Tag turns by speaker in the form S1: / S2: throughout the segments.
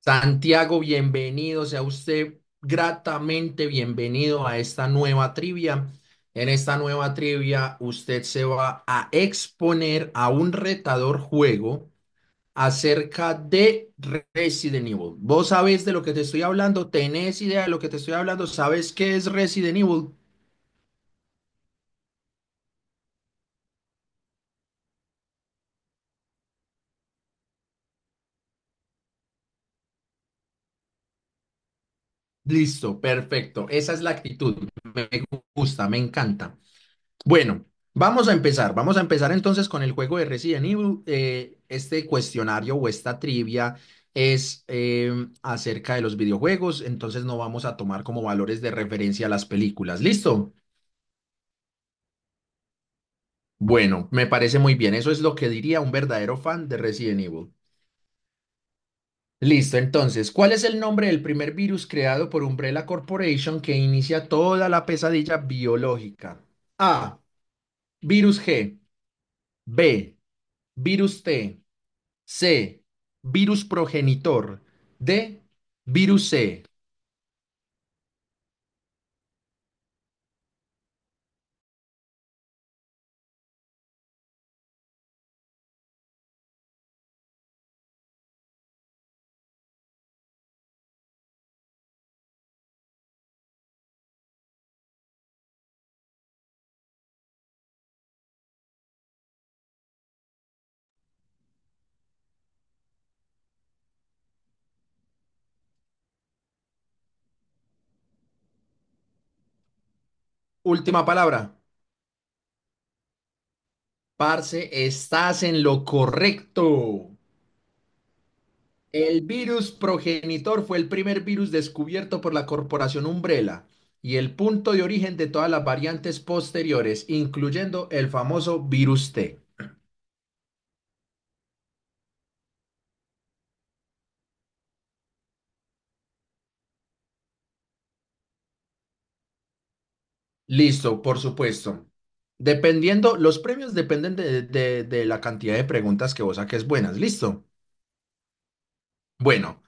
S1: Santiago, bienvenido, sea usted gratamente bienvenido a esta nueva trivia. En esta nueva trivia, usted se va a exponer a un retador juego acerca de Resident Evil. ¿Vos sabés de lo que te estoy hablando? ¿Tenés idea de lo que te estoy hablando? ¿Sabes qué es Resident Evil? Listo, perfecto. Esa es la actitud. Me gusta, me encanta. Bueno, vamos a empezar. Vamos a empezar entonces con el juego de Resident Evil. Este cuestionario o esta trivia es acerca de los videojuegos, entonces no vamos a tomar como valores de referencia las películas. ¿Listo? Bueno, me parece muy bien. Eso es lo que diría un verdadero fan de Resident Evil. Listo, entonces, ¿cuál es el nombre del primer virus creado por Umbrella Corporation que inicia toda la pesadilla biológica? A. Virus G. B. Virus T. C. Virus progenitor. D. Virus C. Última palabra. Parce, estás en lo correcto. El virus progenitor fue el primer virus descubierto por la corporación Umbrella y el punto de origen de todas las variantes posteriores, incluyendo el famoso virus T. Listo, por supuesto. Dependiendo, los premios dependen de la cantidad de preguntas que vos saques buenas. Listo. Bueno.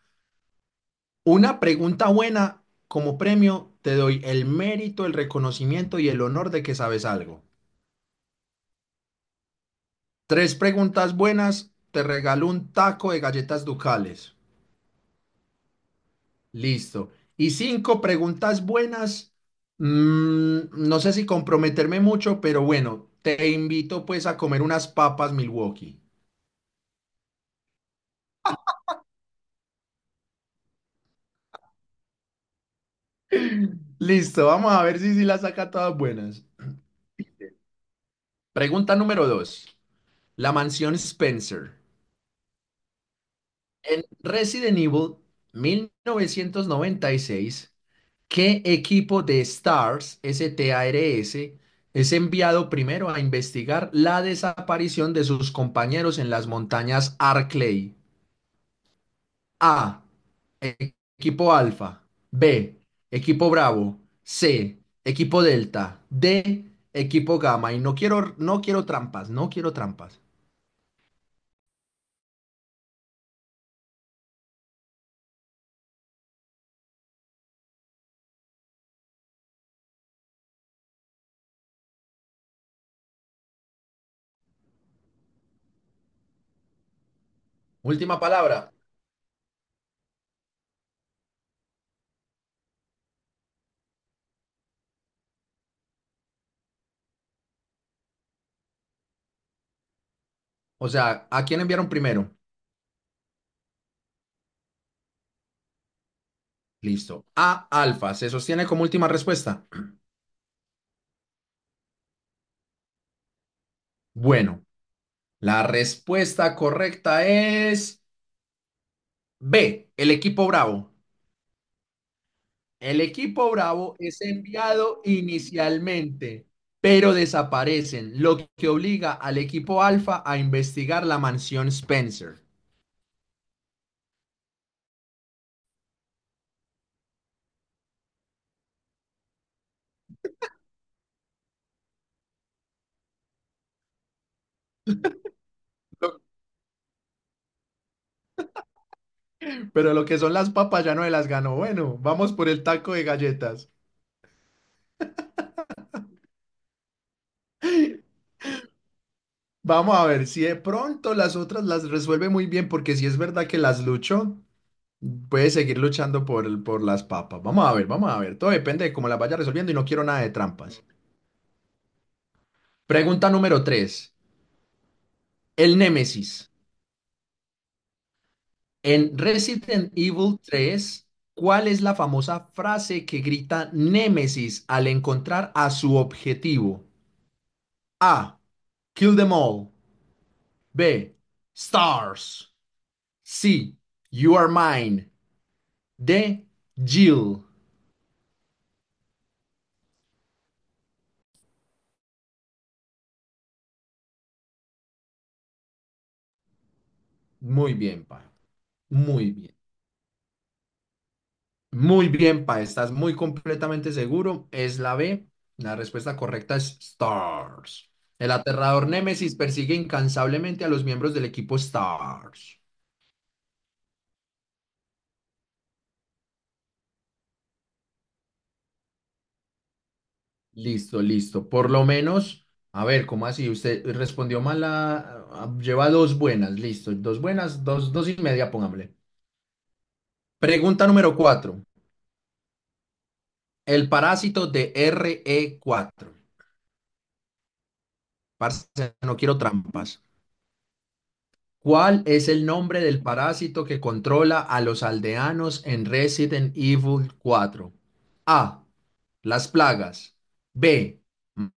S1: Una pregunta buena como premio, te doy el mérito, el reconocimiento y el honor de que sabes algo. Tres preguntas buenas, te regalo un taco de galletas ducales. Listo. Y cinco preguntas buenas, mm, no sé si comprometerme mucho, pero bueno, te invito pues a comer unas papas Milwaukee. Listo, vamos a ver si las saca todas buenas. Pregunta número dos. La mansión Spencer. En Resident Evil 1996, ¿qué equipo de STARS, S-T-A-R-S, es enviado primero a investigar la desaparición de sus compañeros en las montañas Arklay? A. e- Equipo Alfa. B. Equipo Bravo. C. Equipo Delta. D. Equipo Gamma. Y no quiero no quiero trampas. Última palabra. O sea, ¿a quién enviaron primero? Listo. A alfa, ¿se sostiene como última respuesta? Bueno, la respuesta correcta es B, el equipo Bravo. El equipo Bravo es enviado inicialmente, pero desaparecen, lo que obliga al equipo Alfa a investigar la mansión Spencer. Pero lo que son las papas ya no me las ganó. Bueno, vamos por el taco de galletas. Vamos a ver si de pronto las otras las resuelve muy bien, porque si es verdad que las luchó. Puedes seguir luchando por las papas. Vamos a ver, vamos a ver. Todo depende de cómo las vaya resolviendo y no quiero nada de trampas. Pregunta número tres. El Némesis. En Resident Evil 3, ¿cuál es la famosa frase que grita Némesis al encontrar a su objetivo? A. Kill them all. B. Stars. C. You are mine. D. Jill. Muy bien, pa. Muy bien. Muy bien, Pa, estás muy completamente seguro. Es la B. La respuesta correcta es Stars. El aterrador Némesis persigue incansablemente a los miembros del equipo Stars. Listo, listo. Por lo menos, a ver, ¿cómo así? Usted respondió mal. Lleva dos buenas, listo. Dos buenas, dos, dos y media, pongámosle. Pregunta número cuatro. El parásito de RE4. Parce, no quiero trampas. ¿Cuál es el nombre del parásito que controla a los aldeanos en Resident Evil 4? A. Las plagas. B.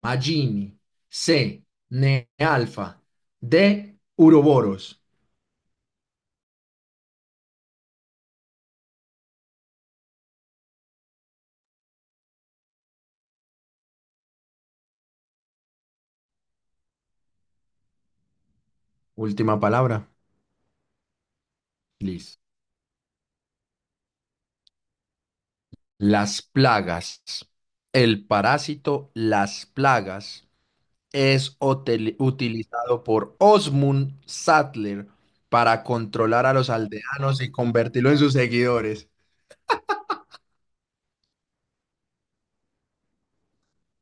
S1: Magini. C. Nealfa. D. Uroboros. Última palabra. Liz. Las plagas. El parásito las plagas es utilizado por Osmund Sattler para controlar a los aldeanos y convertirlo en sus seguidores.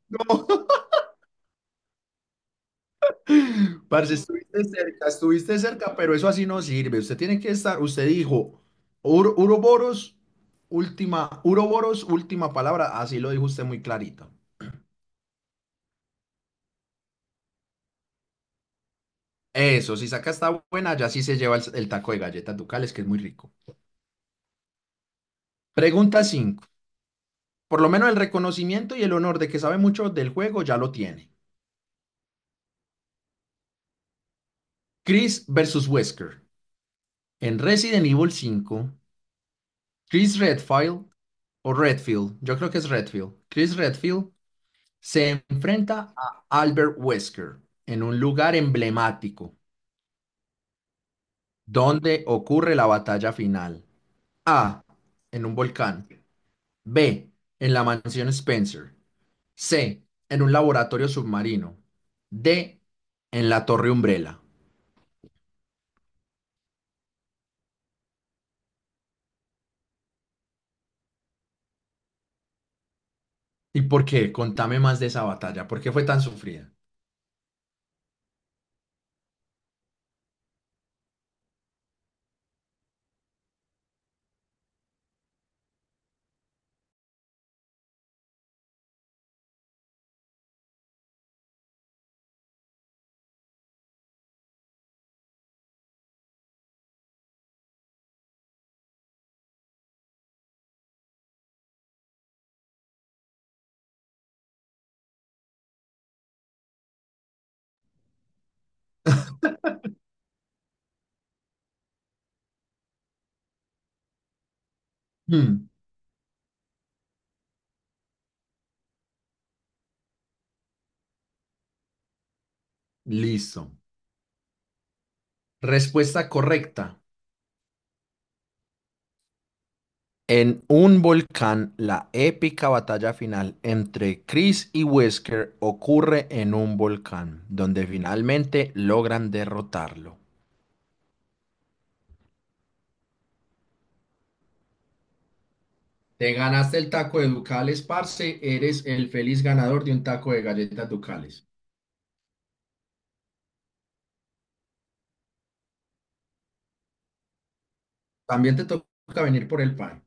S1: No, parce, estuviste cerca, pero eso así no sirve. Usted tiene que estar, usted dijo, "Ur- Uroboros, Uroboros, última palabra", así lo dijo usted muy clarito. Eso, si saca esta buena, ya sí se lleva el taco de galletas ducales, que es muy rico. Pregunta 5. Por lo menos el reconocimiento y el honor de que sabe mucho del juego ya lo tiene. Chris versus Wesker. En Resident Evil 5, Chris Redfield o Redfield, yo creo que es Redfield. Chris Redfield se enfrenta a Albert Wesker en un lugar emblemático donde ocurre la batalla final. A. En un volcán. B. En la mansión Spencer. C. En un laboratorio submarino. D. En la torre Umbrella. ¿Y por qué? Contame más de esa batalla. ¿Por qué fue tan sufrida? Hmm, listo. Respuesta correcta. En un volcán, la épica batalla final entre Chris y Wesker ocurre en un volcán, donde finalmente logran derrotarlo. Te ganaste el taco de Ducales, parce, eres el feliz ganador de un taco de galletas Ducales. También te toca venir por el pan.